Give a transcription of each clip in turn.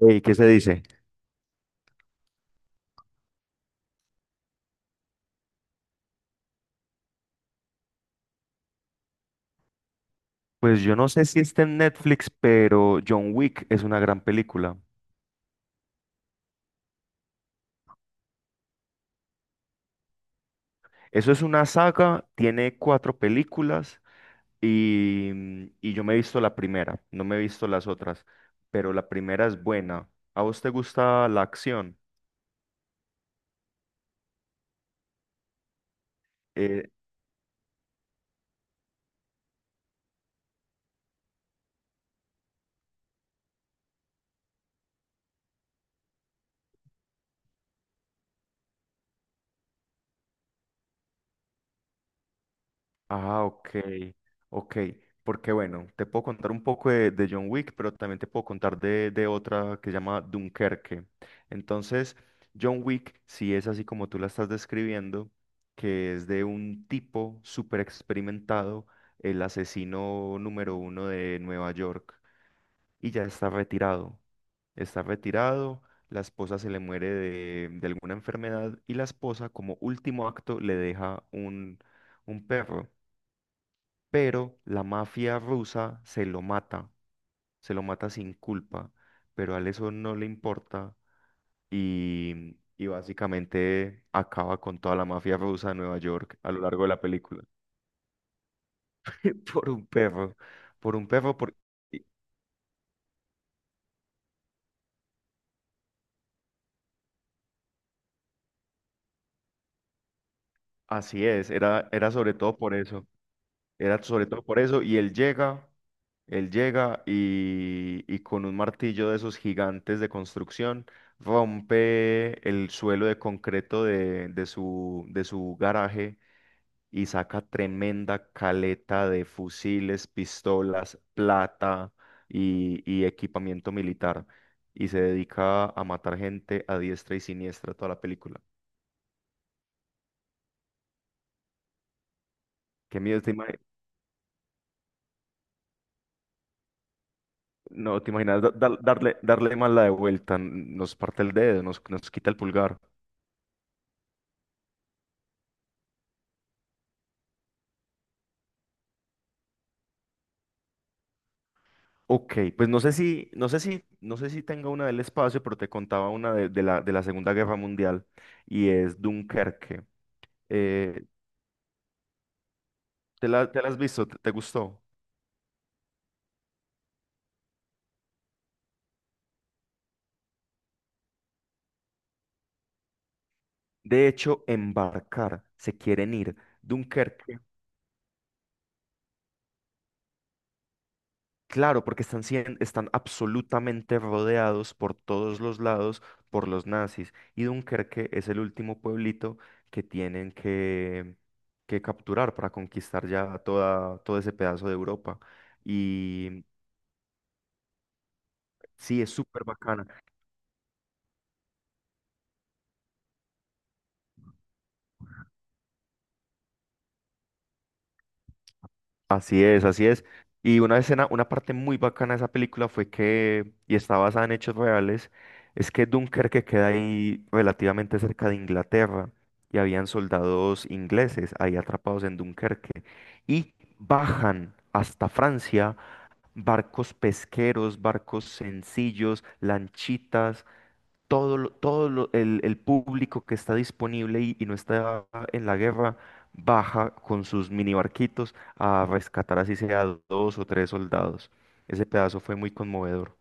Ey, ¿qué se dice? Pues yo no sé si está en Netflix, pero John Wick es una gran película. Eso es una saga, tiene cuatro películas y yo me he visto la primera, no me he visto las otras, pero la primera es buena. ¿A vos te gusta la acción? Eh, Ah, ok, ok. Porque bueno, te puedo contar un poco de John Wick, pero también te puedo contar de otra que se llama Dunkerque. Entonces, John Wick, si es así como tú la estás describiendo, que es de un tipo súper experimentado, el asesino número uno de Nueva York, y ya está retirado. Está retirado, la esposa se le muere de alguna enfermedad y la esposa, como último acto, le deja un perro, pero la mafia rusa se lo mata sin culpa, pero a él eso no le importa y básicamente acaba con toda la mafia rusa de Nueva York a lo largo de la película. Por un perro, por un perro, por... y- así es, era sobre todo por eso, era sobre todo por eso y él llega. Él llega y con un martillo de esos gigantes de construcción rompe el suelo de concreto de su garaje y saca tremenda caleta de fusiles, pistolas, plata y equipamiento militar. Y se dedica a matar gente a diestra y siniestra toda la película. Qué miedo, no te imaginas darle más la de vuelta, nos parte el dedo, nos quita el pulgar. Ok, pues no sé si, no sé si, no sé si tenga una del espacio, pero te contaba una de la Segunda Guerra Mundial y es Dunkerque. Eh, ¿te la has visto? ¿Te gustó? De hecho, embarcar, se quieren ir. Dunkerque, claro, porque están, están absolutamente rodeados por todos los lados por los nazis y Dunkerque es el último pueblito que tienen que capturar para conquistar ya todo ese pedazo de Europa. Sí, es súper bacana. Así es, así es. Y una escena, una parte muy bacana de esa película fue que, y está basada en hechos reales, es que Dunkerque queda ahí relativamente cerca de Inglaterra y habían soldados ingleses ahí atrapados en Dunkerque y bajan hasta Francia, barcos pesqueros, barcos sencillos, lanchitas, todo, el público que está disponible y no está en la guerra, baja con sus mini barquitos a rescatar así sea dos o tres soldados. Ese pedazo fue muy conmovedor.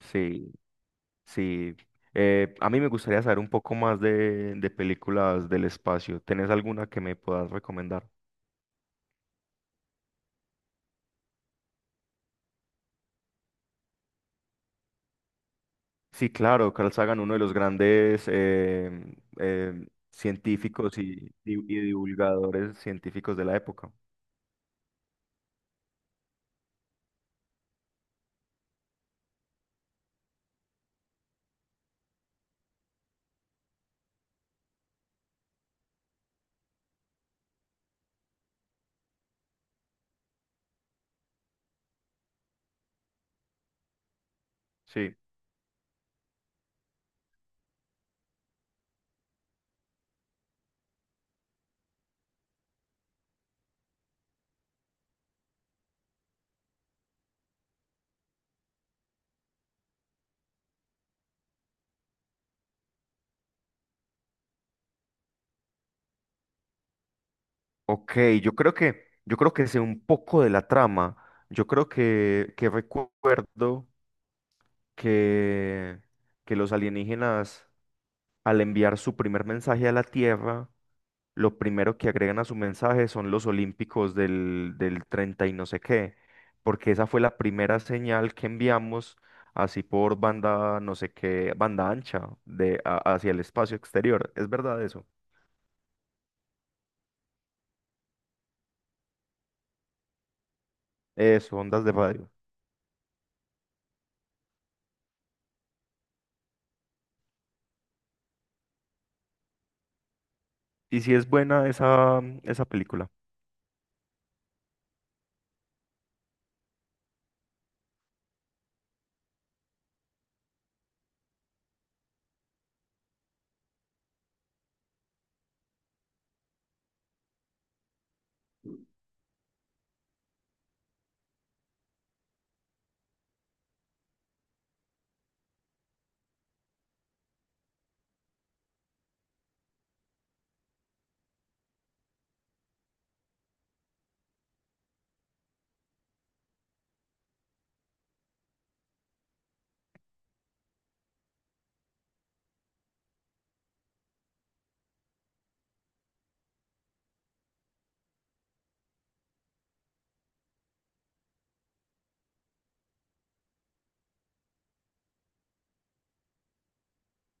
Sí, sí. A mí me gustaría saber un poco más de películas del espacio. ¿Tenés alguna que me puedas recomendar? Sí, claro, Carl Sagan, uno de los grandes científicos y divulgadores científicos de la época. Sí. Ok, yo creo que sé un poco de la trama. Yo creo que recuerdo que, que los alienígenas, al enviar su primer mensaje a la Tierra, lo primero que agregan a su mensaje son los olímpicos del 30 y no sé qué, porque esa fue la primera señal que enviamos así por banda, no sé qué, banda ancha hacia el espacio exterior. ¿Es verdad eso? Eso, ondas de radio. ¿Y si es buena esa, esa película?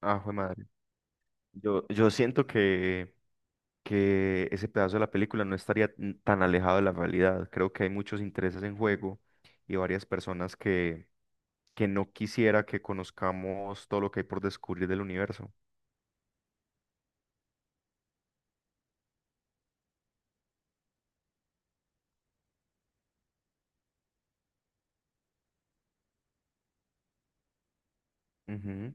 Ah, jue madre. Yo siento que ese pedazo de la película no estaría tan alejado de la realidad. Creo que hay muchos intereses en juego y varias personas que no quisiera que conozcamos todo lo que hay por descubrir del universo. Ujú.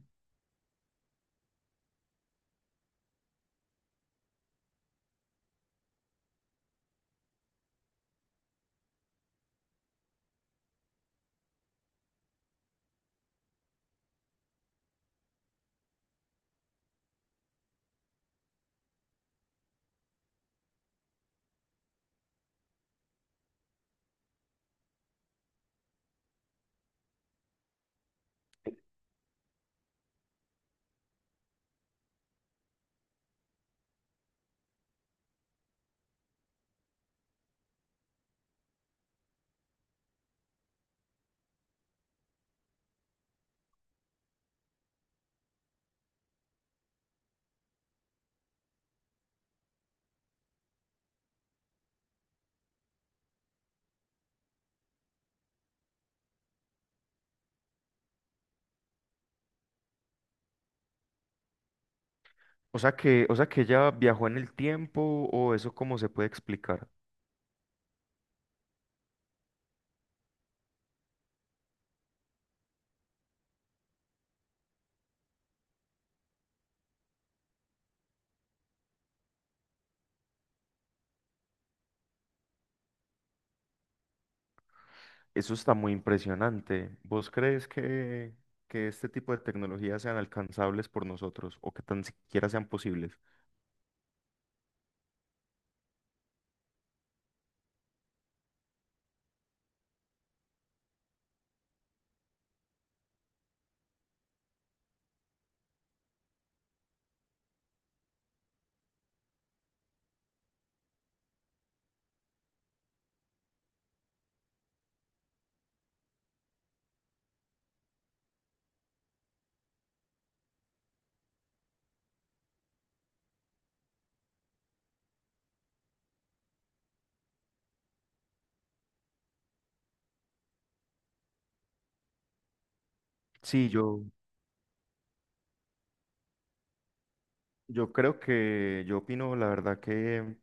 O sea que ella viajó en el tiempo, o eso cómo se puede explicar. Eso está muy impresionante. ¿Vos crees que este tipo de tecnologías sean alcanzables por nosotros o que tan siquiera sean posibles? Sí, yo. Yo opino la verdad que,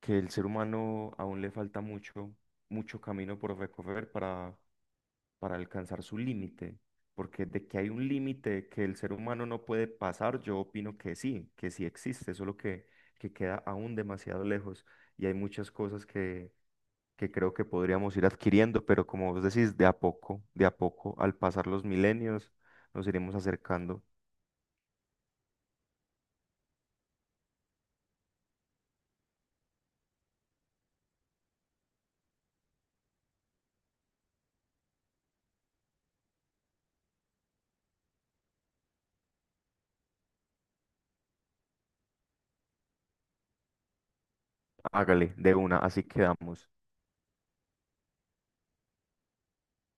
que el ser humano aún le falta mucho, mucho camino por recorrer para alcanzar su límite, porque de que hay un límite que el ser humano no puede pasar, yo opino que sí existe, solo que queda aún demasiado lejos y hay muchas cosas que creo que podríamos ir adquiriendo, pero como vos decís, de a poco, al pasar los milenios, nos iremos acercando. Hágale, de una, así quedamos.